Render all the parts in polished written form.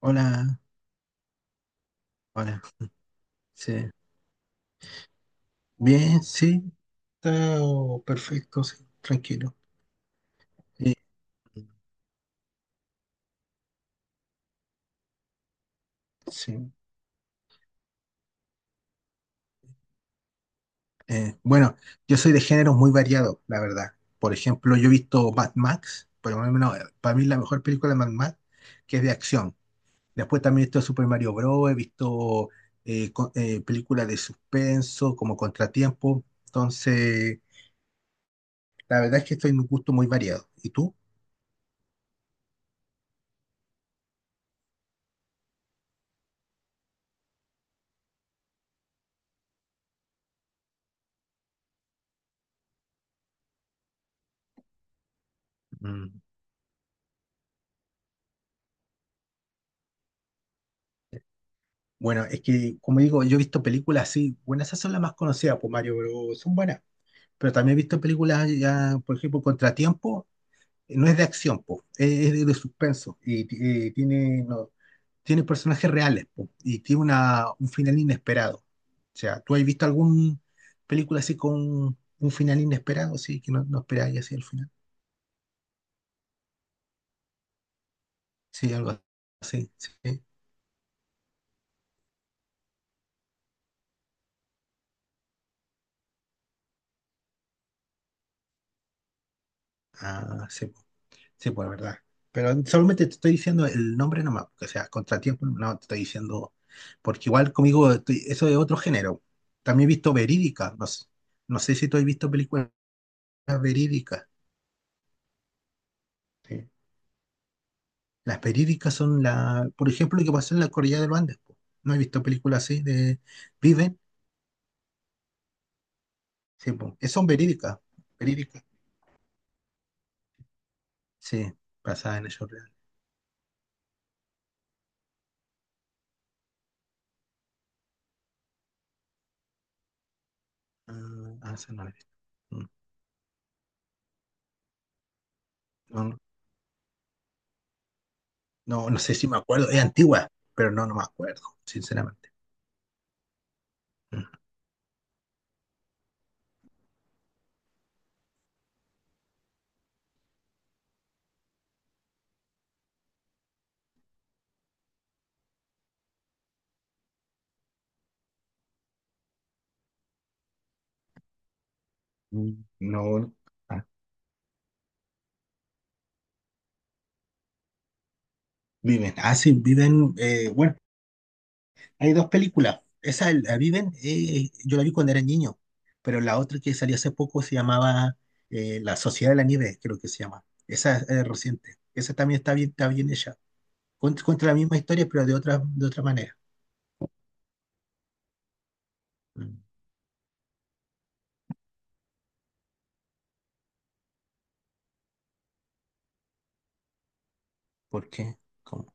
Hola, hola. Sí. Bien, sí, está perfecto, sí, tranquilo. Eh, sí. Bueno, yo soy de géneros muy variados, la verdad. Por ejemplo, yo he visto Mad Max, por lo menos para mí la mejor película de Mad Max, que es de acción. Después también he visto Super Mario Bros., he visto películas de suspenso, como Contratiempo. Entonces, la verdad es que estoy en un gusto muy variado. ¿Y tú? Bueno, es que, como digo, yo he visto películas así, bueno, esas son las más conocidas por Mario, pero son buenas. Pero también he visto películas ya, por ejemplo, Contratiempo, no es de acción, po, es de suspenso y ti- tiene, no, tiene personajes reales po, y tiene un final inesperado. O sea, ¿tú has visto alguna película así con un final inesperado, sí, que no, no esperáis así el final? Sí, algo así, sí. Ah, sí. Sí, pues verdad. Pero solamente te estoy diciendo el nombre nomás, porque, o sea, contratiempo, no te estoy diciendo, porque igual conmigo estoy- eso es otro género. También he visto verídicas, no sé, no sé si tú has visto películas verídicas. Sí. Las verídicas son la, por ejemplo, lo que pasó en la Cordillera de los Andes. Po. No he visto películas así de Viven, sí, pues, es- son verídicas, verídicas. Sí, basadas en hechos reales. Ah, ah, esa no la he visto. Mm, no, no, no, no sé si me acuerdo, es antigua, pero no, no me acuerdo, sinceramente. Mm. Mm, no, ah, Viven. Ah, sí, Viven. Bueno, hay dos películas. Esa, la Viven, yo la vi cuando era niño, pero la otra que salió hace poco se llamaba La Sociedad de la Nieve, creo que se llama. Esa es reciente. Esa también está bien hecha. Cuenta, cuenta la misma historia, pero de otra manera. Mm, ¿por qué? ¿Cómo?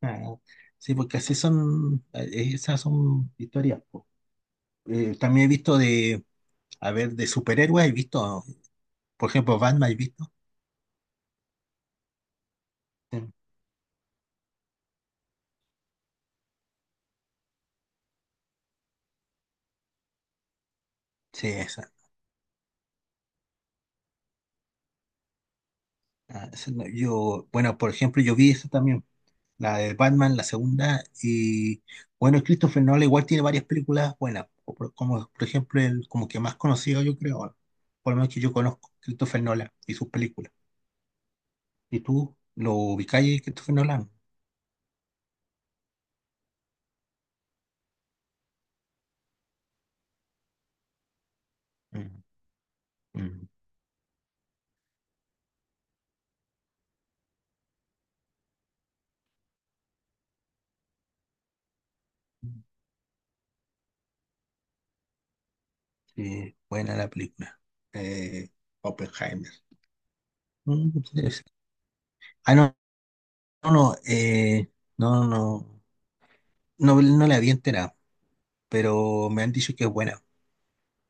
Ah, sí, porque así son, esas son historias. Po. También he visto de, a ver, de superhéroes, he visto, por ejemplo, Batman, he visto. Mm, sí, esa. Ah, esa no- yo, bueno, por ejemplo, yo vi esa también, la de Batman, la segunda, y bueno, Christopher Nolan igual tiene varias películas buenas, o por- como por ejemplo, el como que más conocido yo creo, por lo menos que yo conozco, Christopher Nolan y sus películas. ¿Y tú lo ubicáis, Christopher Nolan? Mm, mm. Sí, buena la película. Eh, Oppenheimer. Mm, sí, sí. Ah, no, no, no, no, no, no, no la había enterado, pero me han dicho que es buena.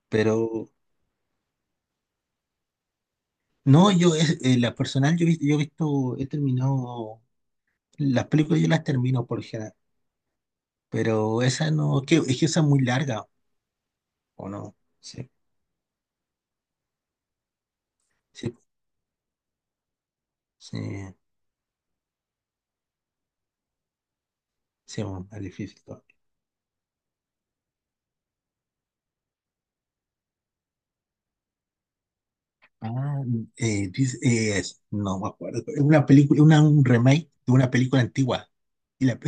Pero no, yo es, la personal yo, yo he visto, he terminado, las películas yo las termino por lo general, pero esa no, que, es que esa es muy larga, ¿o no? Sí, sí, sí, sí, bueno, es difícil todo. Ah, no me acuerdo, es una película, una, un remake de una película antigua, y la,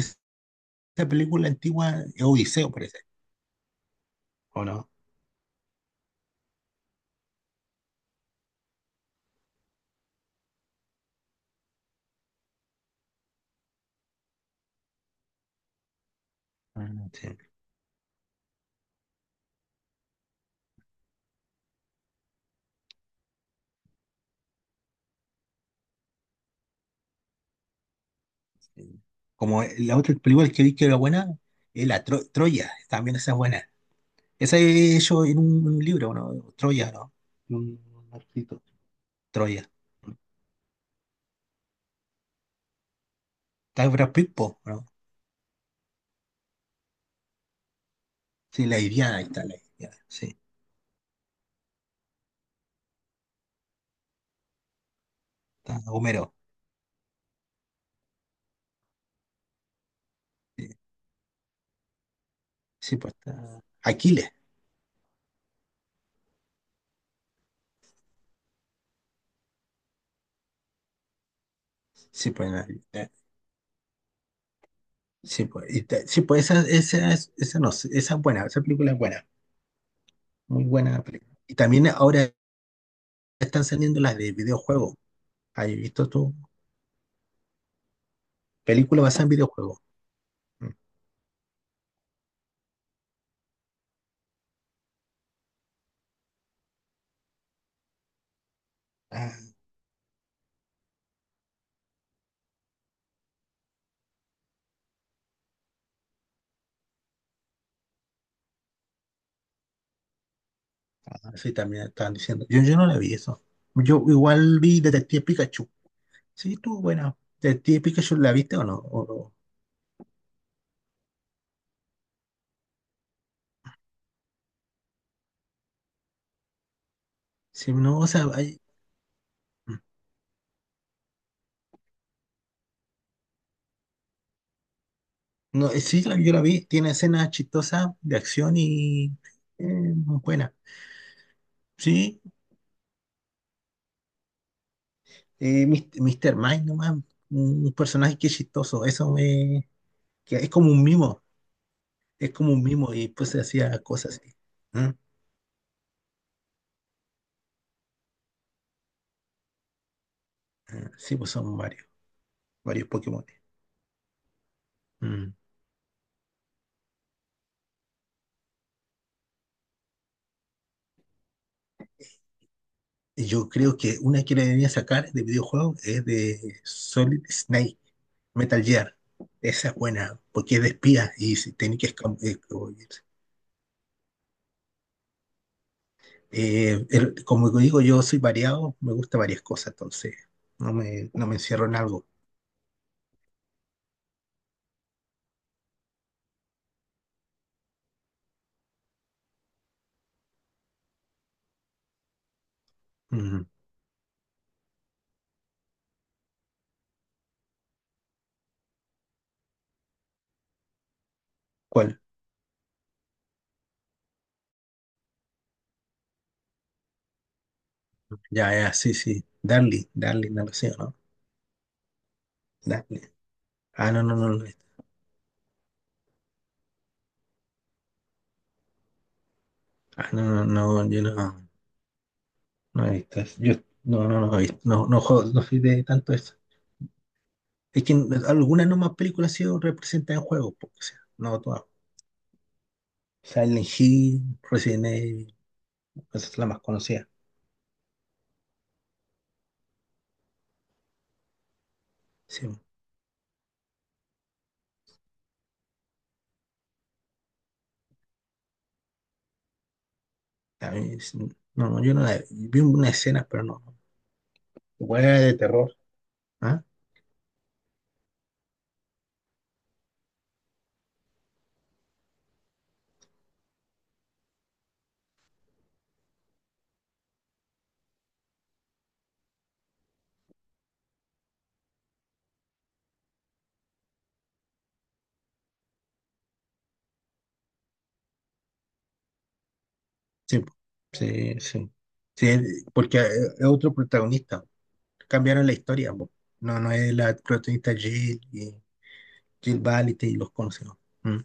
esa película antigua es Odiseo, parece, ¿o no? Ah, sí. Como la otra película que vi que era buena, es la Tro- Troya, también esa es buena. Esa he hecho en un libro, ¿no? Troya, ¿no? Un arquito. Troya. Está Brad Pitt, po, ¿no? Sí, la Iliada, ahí está la Iliada. Sí, está Homero. Sí, sí, pues está Aquiles. Sí, pues, eh, sí, pues, y sí, pues esa, es- esa, no, sé, esa es buena, esa película es buena. Muy buena película. Y también ahora están saliendo las de videojuegos. ¿Has visto tú? Película basada en videojuegos. Mm. Ah, sí, también estaban diciendo. Yo no la vi eso. Yo igual vi Detective Pikachu. Sí, tú, bueno, ¿de típica yo la viste o no? Sí, no, o sea, hay- no, sí, la- yo la vi, tiene escenas chistosas de acción y eh, muy buena. Sí, Mr. Mind nomás, un personaje que es chistoso, eso me, que es como un mimo, es como un mimo y pues se hacía cosas así. ¿Mm? Ah, sí, pues son varios, varios Pokémon. Mm. Yo creo que una que le venía a sacar de videojuego es de Solid Snake. Metal Gear. Esa es buena, porque es de espías y si tenés que como digo, yo soy variado, me gusta varias cosas, entonces no me, no me encierro en algo. Ujú. ¿Cuál? Ya, ya, sí, sí. Darly, Darly, no lo sé, ¿no? Darly. Ah, no, no, no lo he visto. Ah, no, no, no, yo no, no he visto eso. Yo, no, no, no he visto. No, no, juego- no soy de tanto eso. Es que algunas nomás películas han sido representadas en juegos, porque, o sea, no todas. Silent Hill, Resident Evil, esa es la más conocida. Sí, a mí, sí, no, no, yo no la vi una escena, pero no. Buena de terror. ¿Ah? Sí, po. Sí, sí. Sí, es- porque es otro protagonista. Cambiaron la historia, po. No, no es la protagonista Jill y Jill Valentine y los conocidos. Mm.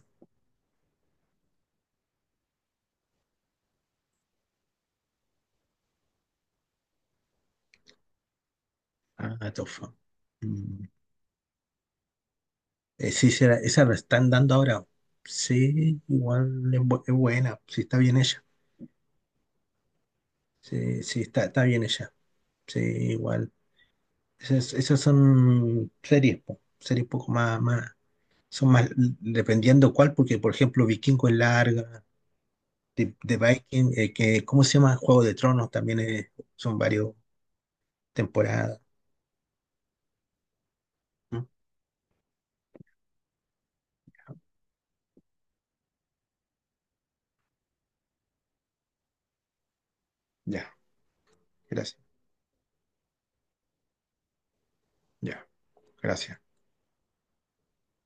Ah, tofa. Mm. Sí, será- esa la están dando ahora. Sí, igual es, bu- es buena. Sí, está bien ella. Sí, sí, está, está bien ella. Sí, igual. Esas, esas son series, po, series un poco más, más, son más, dependiendo cuál, porque por ejemplo Vikingo es larga, The, The Viking, que, ¿cómo se llama? Juego de Tronos también es- son varios temporadas. ¿Mm? Ya, gracias. Ya, gracias.